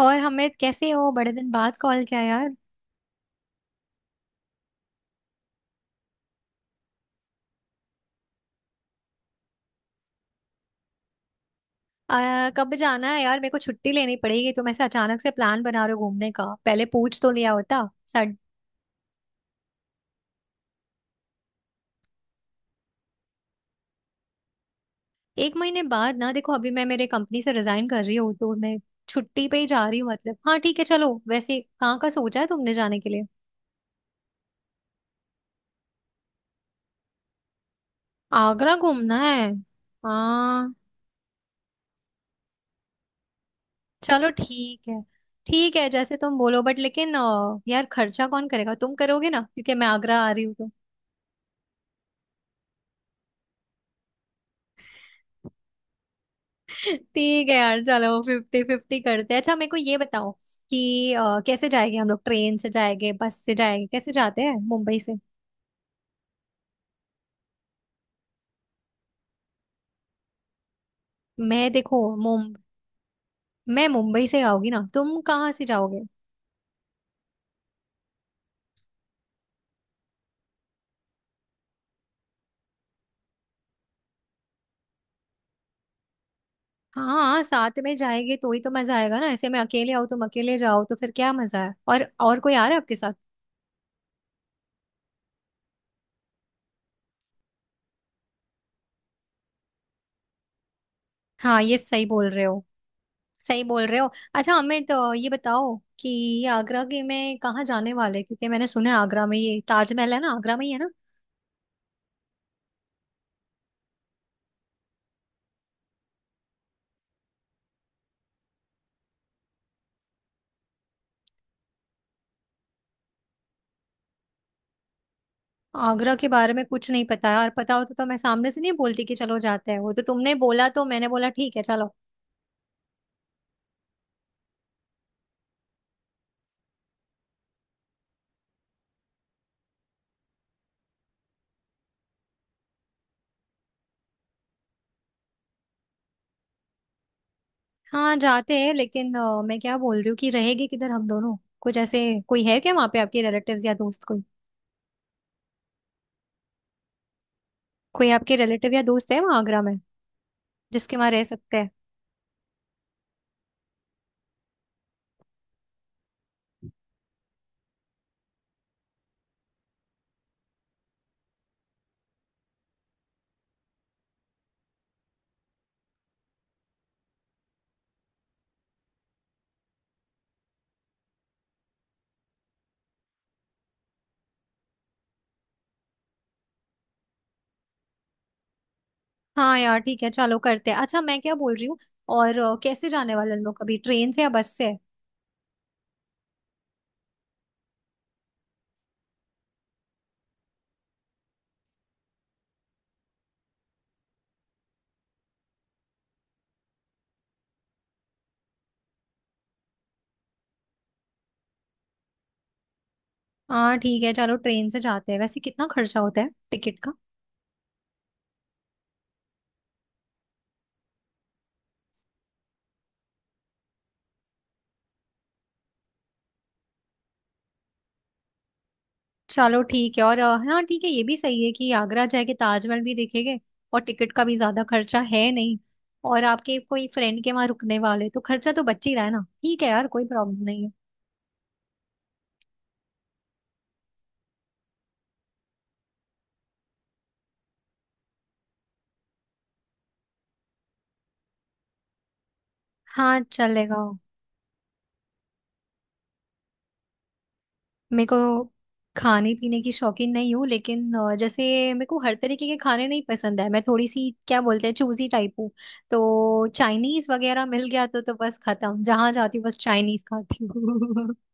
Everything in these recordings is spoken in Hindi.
और हमें कैसे हो, बड़े दिन बाद कॉल किया यार। कब जाना है यार, मेरे को छुट्टी लेनी पड़ेगी। तुम ऐसे अचानक से प्लान बना रहे हो घूमने का, पहले पूछ तो लिया होता। सड एक महीने बाद ना, देखो अभी मैं मेरे कंपनी से रिजाइन कर रही हूँ तो मैं छुट्टी पे ही जा रही हूँ। मतलब हाँ ठीक है, चलो। वैसे कहाँ का सोचा है तुमने जाने के लिए? आगरा घूमना है? हाँ। चलो ठीक है। ठीक है जैसे तुम बोलो। बट लेकिन यार खर्चा कौन करेगा? तुम करोगे ना, क्योंकि मैं आगरा आ रही हूँ तो। ठीक है यार चलो, फिफ्टी फिफ्टी करते हैं। अच्छा मेरे को ये बताओ कि कैसे जाएंगे हम लोग, ट्रेन से जाएंगे बस से जाएंगे, कैसे जाते हैं मुंबई से? मैं देखो मुम मैं मुंबई से आऊंगी ना, तुम कहाँ से जाओगे? हाँ साथ में जाएंगे तो ही तो मजा आएगा ना। ऐसे मैं अकेले आऊँ तुम अकेले जाओ तो फिर क्या मजा है। और कोई आ रहा है आपके साथ? हाँ ये सही बोल रहे हो। सही बोल रहे हो। अच्छा हमें तो ये बताओ कि आगरा के में कहाँ जाने वाले हैं? क्योंकि मैंने सुना है आगरा में ये ताजमहल है ना, आगरा में ही है ना? आगरा के बारे में कुछ नहीं पता है, और पता होता तो मैं सामने से नहीं बोलती कि चलो जाते हैं। वो तो तुमने बोला तो मैंने बोला ठीक है चलो। हाँ जाते हैं। लेकिन मैं क्या बोल रही हूँ कि रहेगी किधर हम दोनों? कुछ ऐसे कोई है क्या वहाँ पे, आपके रिलेटिव्स या दोस्त कोई? कोई आपके रिलेटिव या दोस्त है वहाँ आगरा में, जिसके वहाँ रह सकते हैं? हाँ यार ठीक है, चलो करते हैं। अच्छा मैं क्या बोल रही हूँ, और कैसे जाने वाले हम लोग अभी, ट्रेन से या बस से? हाँ ठीक है चलो, ट्रेन से जाते हैं। वैसे कितना खर्चा होता है टिकट का? चलो ठीक है। और हाँ ठीक है, ये भी सही है कि आगरा जाके ताजमहल भी देखेंगे। और टिकट का भी ज्यादा खर्चा है नहीं। और आपके कोई फ्रेंड के वहां रुकने वाले तो खर्चा तो बच ही रहा है ना। ठीक है यार, कोई प्रॉब्लम नहीं है। हाँ चलेगा। मेरे को खाने पीने की शौकीन नहीं हूँ। लेकिन जैसे मेरे को हर तरीके के खाने नहीं पसंद है, मैं थोड़ी सी क्या बोलते हैं चूजी टाइप हूँ। तो चाइनीज वगैरह मिल गया तो बस खत्म, जहां जाती हूँ बस चाइनीज खाती हूँ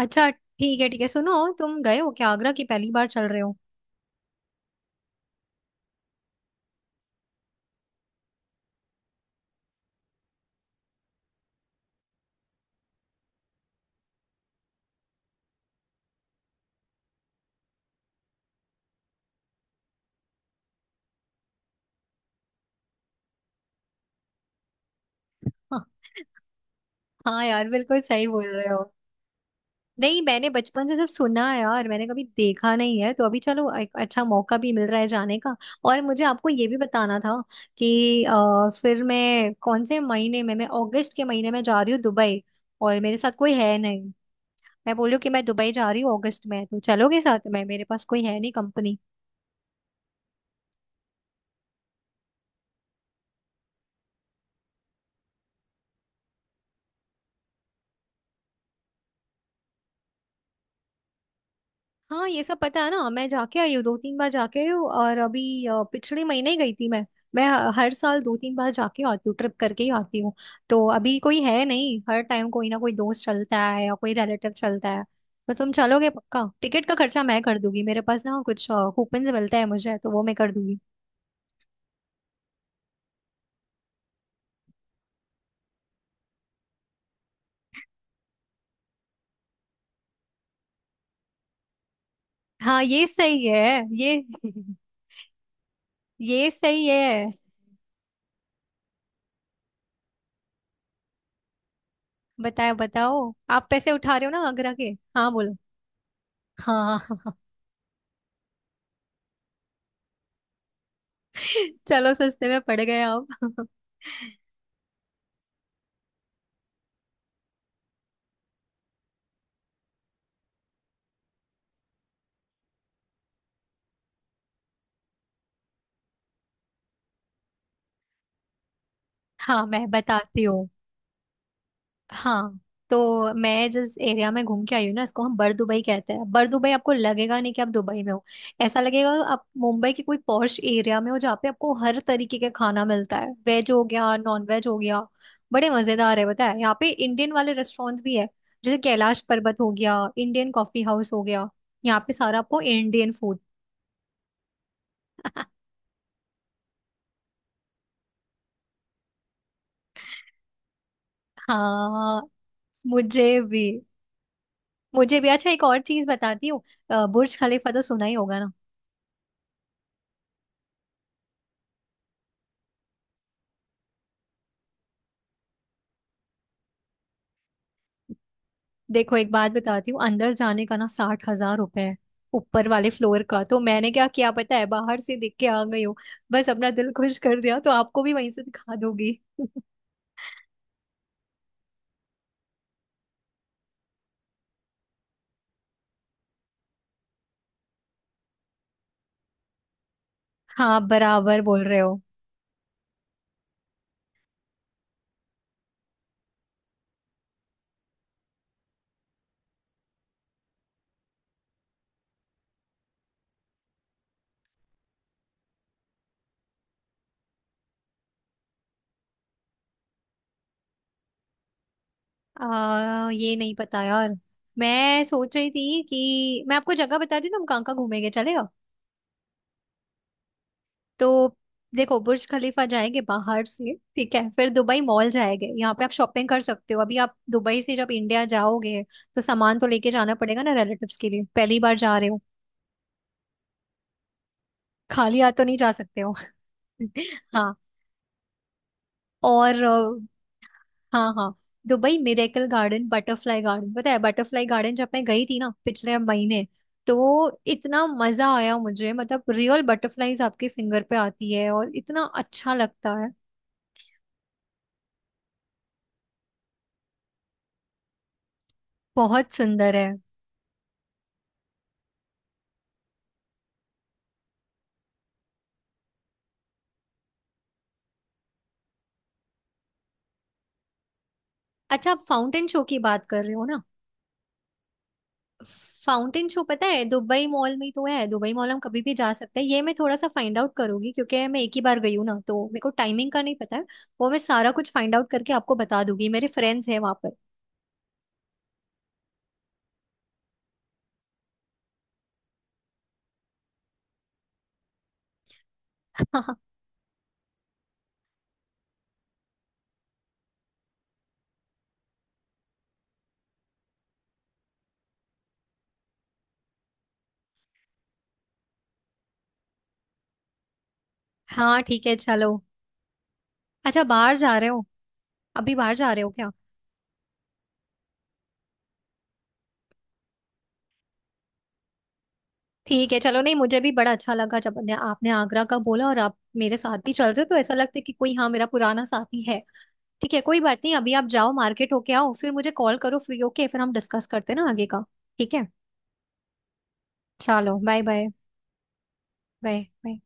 अच्छा ठीक है, ठीक है सुनो। तुम गए हो क्या आगरा की, पहली बार चल रहे हो? हाँ। हाँ यार बिल्कुल सही बोल रहे हो। नहीं मैंने बचपन से सिर्फ सुना है यार, मैंने कभी देखा नहीं है। तो अभी चलो एक अच्छा मौका भी मिल रहा है जाने का। और मुझे आपको ये भी बताना था कि फिर मैं कौन से महीने में, मैं अगस्त के महीने में जा रही हूँ दुबई। और मेरे साथ कोई है नहीं। मैं बोल रही हूँ कि मैं दुबई जा रही हूँ अगस्त में, तो चलोगे साथ में? मेरे पास कोई है नहीं कंपनी। हाँ ये सब पता है ना, मैं जाके आई हूँ, दो तीन बार जाके आई हूँ। और अभी पिछले महीने ही गई थी मैं हर साल दो तीन बार जाके आती हूँ, ट्रिप करके ही आती हूँ। तो अभी कोई है नहीं, हर टाइम कोई ना कोई दोस्त चलता है या कोई रिलेटिव चलता है। तो तुम चलोगे? पक्का, टिकट का खर्चा मैं कर दूंगी, मेरे पास ना कुछ कूपन मिलता है मुझे, तो वो मैं कर दूंगी। हाँ ये सही है। ये ये सही है। बताओ बताओ। आप पैसे उठा रहे हो ना आगरा के? हाँ बोलो। हाँ चलो सस्ते में पड़ गए आप। हाँ मैं बताती हूँ। हाँ तो मैं जिस एरिया में घूम के आई हूँ ना, इसको हम बर दुबई कहते हैं। बर दुबई आपको लगेगा नहीं कि आप दुबई में हो, ऐसा लगेगा आप मुंबई के कोई पॉश एरिया में हो, जहाँ पे आपको हर तरीके का खाना मिलता है, वेज हो गया नॉन वेज हो गया। बड़े मजेदार है, पता है यहाँ पे इंडियन वाले रेस्टोरेंट भी है, जैसे कैलाश पर्वत हो गया, इंडियन कॉफी हाउस हो गया। यहाँ पे सारा आपको इंडियन फूड हाँ मुझे भी। मुझे भी अच्छा एक और चीज बताती हूँ। बुर्ज खलीफा तो सुना ही होगा ना? देखो एक बात बताती हूँ, अंदर जाने का ना 60,000 रुपए है ऊपर वाले फ्लोर का। तो मैंने क्या किया पता है, बाहर से देख के आ गई हूँ। बस अपना दिल खुश कर दिया। तो आपको भी वहीं से दिखा दोगी हाँ बराबर बोल रहे हो। ये नहीं पता यार। मैं सोच रही थी कि मैं आपको जगह बता दी ना, हम कहाँ कहाँ घूमेंगे चले तो। देखो बुर्ज खलीफा जाएंगे बाहर से, ठीक है? फिर दुबई मॉल जाएंगे, यहाँ पे आप शॉपिंग कर सकते हो। अभी आप दुबई से जब इंडिया जाओगे तो सामान तो लेके जाना पड़ेगा ना रिलेटिव्स के लिए, पहली बार जा रहे हो। खाली हाथ तो नहीं जा सकते हो हाँ। और हाँ हाँ, Dubai miracle garden, butterfly garden पता है? बटरफ्लाई गार्डन जब मैं गई थी ना पिछले महीने, तो इतना मजा आया मुझे। मतलब रियल बटरफ्लाईज आपके फिंगर पे आती है और इतना अच्छा लगता है। बहुत सुंदर है। अच्छा आप फाउंटेन शो की बात कर रहे हो ना? फाउंटेन शो, पता है दुबई मॉल में ही तो है, दुबई मॉल हम कभी भी जा सकते हैं। ये मैं थोड़ा सा फाइंड आउट करूंगी, क्योंकि मैं एक ही बार गई हूँ ना, तो मेरे को टाइमिंग का नहीं पता है। वो मैं सारा कुछ फाइंड आउट करके आपको बता दूंगी, मेरे फ्रेंड्स हैं वहां पर हाँ ठीक है चलो। अच्छा बाहर जा रहे हो? अभी बाहर जा रहे हो क्या? ठीक है चलो। नहीं मुझे भी बड़ा अच्छा लगा जब आपने आगरा का बोला, और आप मेरे साथ भी चल रहे हो। तो ऐसा लगता है कि कोई, हाँ, मेरा पुराना साथी है। ठीक है कोई बात नहीं, अभी आप जाओ मार्केट होके आओ, फिर मुझे कॉल करो फ्री होके, फिर हम डिस्कस करते हैं ना आगे का। ठीक है चलो, बाय बाय। Bye bye.